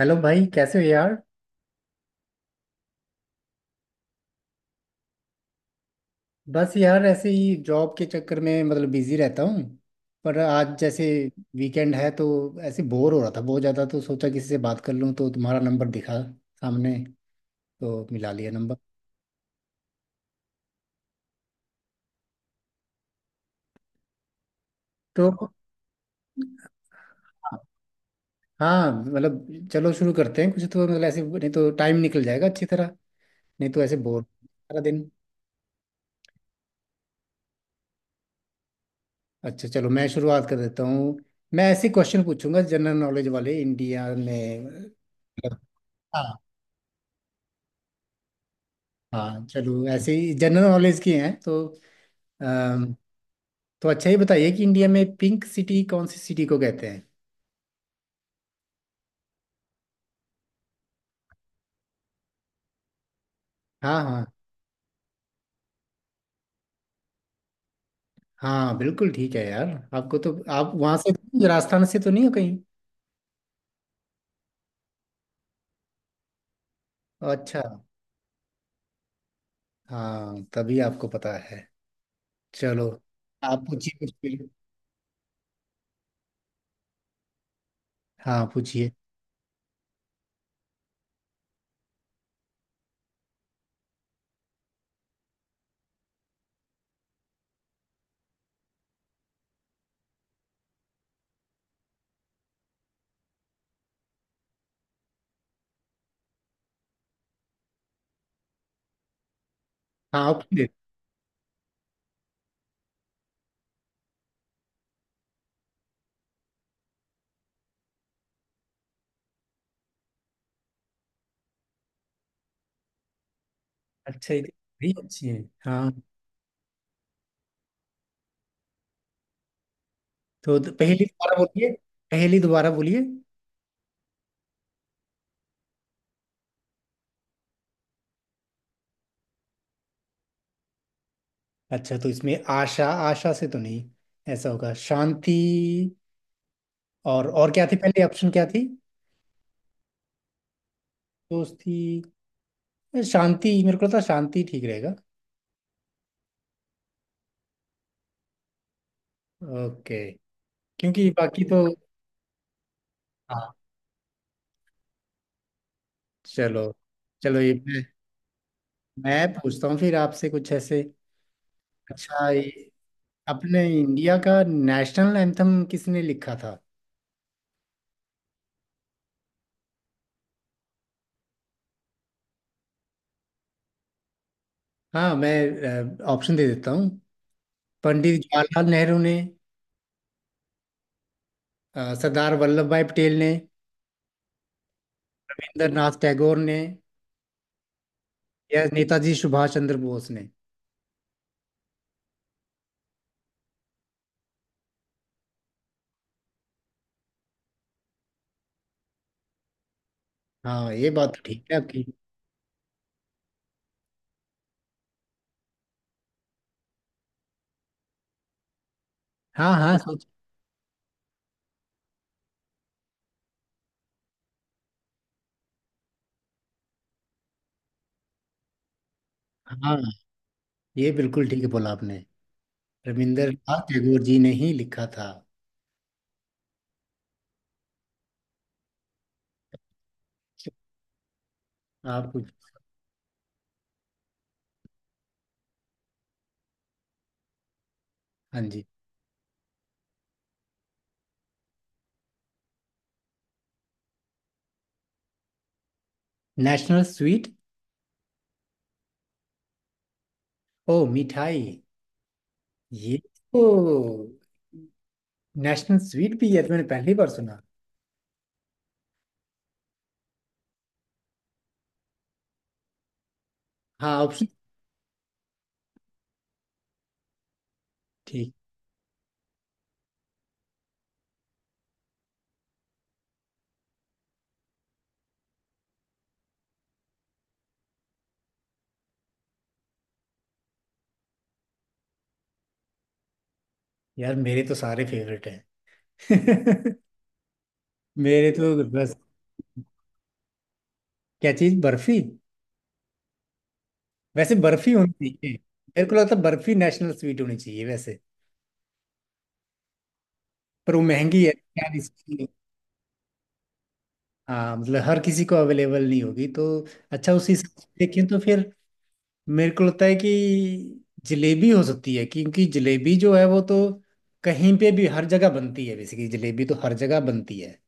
Hello भाई, कैसे हो यार। बस यार ऐसे ही जॉब के चक्कर में मतलब बिजी रहता हूँ। पर आज जैसे वीकेंड है तो ऐसे बोर हो रहा था बहुत ज़्यादा, तो सोचा किसी से बात कर लूँ, तो तुम्हारा नंबर दिखा सामने, तो मिला लिया नंबर। तो हाँ मतलब चलो शुरू करते हैं कुछ, तो मतलब ऐसे, नहीं तो टाइम निकल जाएगा अच्छी तरह। नहीं तो ऐसे बोर सारा दिन। अच्छा, चलो मैं शुरुआत कर देता हूँ। मैं ऐसे क्वेश्चन पूछूंगा जनरल नॉलेज वाले, इंडिया में मतलब। हाँ, हाँ, चलो ऐसे ही जनरल नॉलेज की हैं तो। अम, तो अच्छा ही बताइए कि इंडिया में पिंक सिटी कौन सी सिटी को कहते हैं? हाँ, हाँ, हाँ। बिल्कुल ठीक है यार। आपको तो आप वहाँ से राजस्थान से तो नहीं हो कहीं? अच्छा। हाँ, तभी आपको पता है। चलो, आप पूछिए कुछ भी। हाँ, पूछिए। हाँ आप पूछिए। अच्छा, ये भी अच्छी है, हाँ। तो पहेली दोबारा बोलिए। पहेली दोबारा बोलिए। अच्छा, तो इसमें आशा, आशा से तो नहीं? ऐसा होगा शांति। और क्या थी पहले ऑप्शन क्या थी दोस्ती शांति मेरे को लगता है शांति ठीक रहेगा ओके क्योंकि बाकी तो हाँ चलो चलो ये मैं पूछता हूँ फिर आपसे कुछ ऐसे। अच्छा, ये अपने इंडिया का नेशनल एंथम किसने लिखा था? हाँ, मैं ऑप्शन दे देता हूँ। पंडित जवाहरलाल नेहरू ने, सरदार वल्लभ भाई पटेल ने, रविंद्रनाथ नाथ टैगोर ने, या नेताजी सुभाष चंद्र बोस ने? हाँ, ये बात तो ठीक है आपकी। हाँ, हाँ, सोच। हाँ, ये बिल्कुल ठीक बोला आपने। रविंद्रनाथ टैगोर जी ने ही लिखा था। आप कुछ- हाँ जी। National sweet? ओ, मिठाई। ये तो नेशनल स्वीट भी है तो मैंने पहली बार सुना। हाँ, ऑप्शन। ठीक। यार मेरे तो सारे फेवरेट हैं। मेरे तो बस। क्या चीज, बर्फी? वैसे बर्फी होनी चाहिए, मेरे को लगता है बर्फी नेशनल स्वीट होनी चाहिए वैसे। पर वो महंगी है यार इसकी। हाँ मतलब हर किसी को अवेलेबल नहीं होगी तो। अच्छा, उसी हिसाब से देखें तो फिर मेरे को लगता है कि जलेबी हो सकती है, क्योंकि जलेबी जो है वो तो कहीं पे भी हर जगह बनती है, बेसिकली जलेबी तो हर जगह बनती है।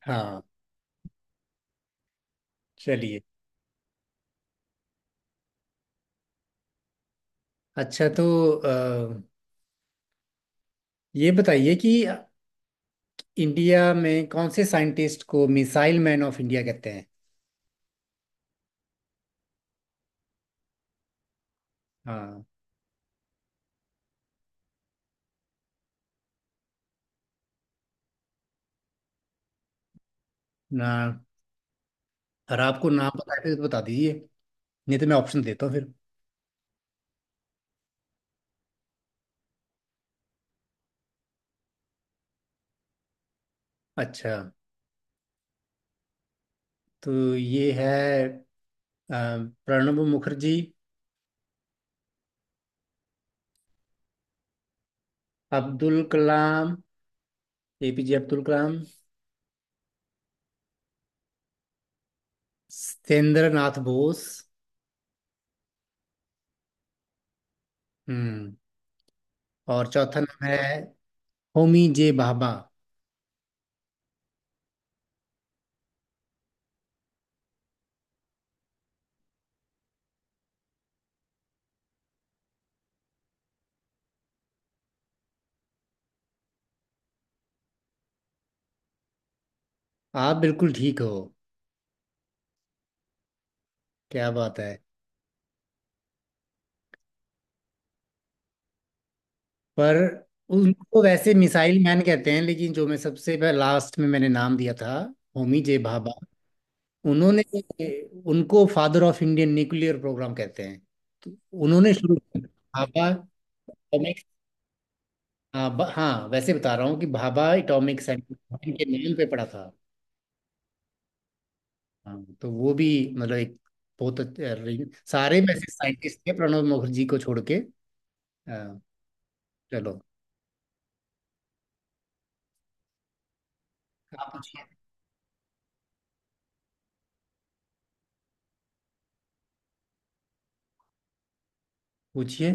हाँ। चलिए, अच्छा तो अ, ये बताइए कि इंडिया में कौन से साइंटिस्ट को मिसाइल मैन ऑफ इंडिया कहते हैं? हाँ, ना। और आपको नाम पता है तो बता दीजिए, नहीं तो मैं ऑप्शन देता हूँ फिर। अच्छा, तो ये है अ, प्रणब मुखर्जी, अब्दुल कलाम, एपीजे अब्दुल कलाम, सत्येंद्र नाथ बोस, हम्म और चौथा नाम है होमी जे भाभा। आप बिल्कुल ठीक हो। क्या बात है। पर उनको वैसे मिसाइल मैन कहते हैं, लेकिन जो मैं सबसे लास्ट में मैंने नाम दिया था, होमी जे भाभा, उन्होंने, उनको father of Indian nuclear programme कहते हैं, तो उन्होंने शुरू किया था। भाभा atomic- हाँ, हाँ, वैसे बता रहा हूँ कि भाभा एटॉमिक सेंटर इनके नाम पे पड़ा था। हाँ, तो वो भी मतलब एक बहुत सारे वैसे साइंटिस्ट थे, प्रणब मुखर्जी को छोड़ के। अ, चलो, आप पूछिए। पूछिए।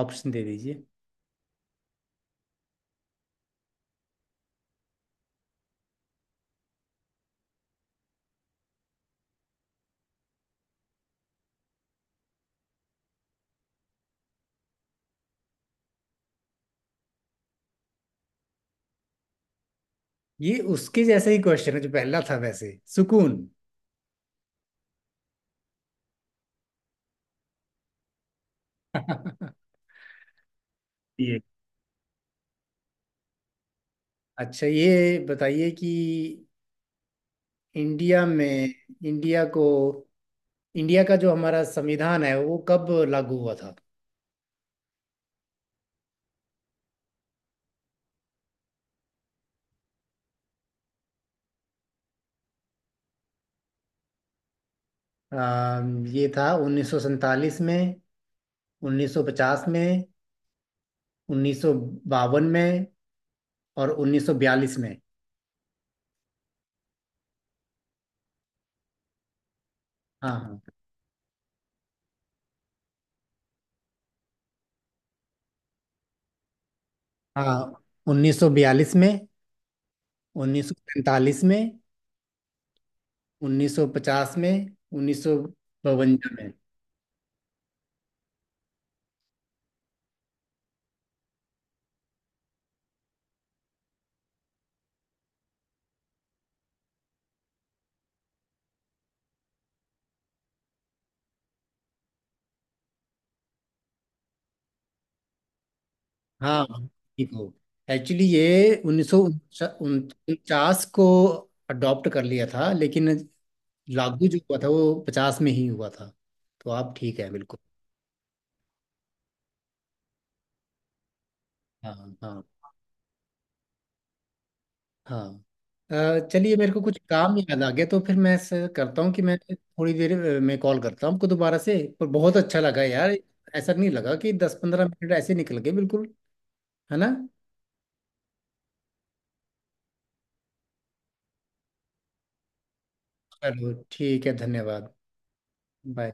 ऑप्शन दे दीजिए। ये उसके जैसा ही क्वेश्चन है जो पहला था, वैसे सुकून। ये अच्छा, ये बताइए कि इंडिया में, इंडिया को, इंडिया का जो हमारा संविधान है वो कब लागू हुआ था? ये था 1947 में, 1950 में, 1952 में और 1942 में? हाँ, हाँ, हाँ। 1942 में, 1945 में, 1950 में, 1952 में? हाँ। देखो, एक्चुअली ये 1949 को अडॉप्ट कर लिया था, लेकिन लागू जो हुआ था वो 1950 में ही हुआ था, तो आप ठीक है बिल्कुल। हाँ, हाँ, हाँ। चलिए, मेरे को कुछ काम याद आ गया तो फिर मैं ऐसा करता हूँ कि मैं थोड़ी देर में कॉल करता हूँ आपको दोबारा से, पर बहुत अच्छा लगा यार। ऐसा नहीं लगा कि 10-15 मिनट ऐसे निकल गए बिल्कुल, है ना? चलो, ठीक है, धन्यवाद। बाय।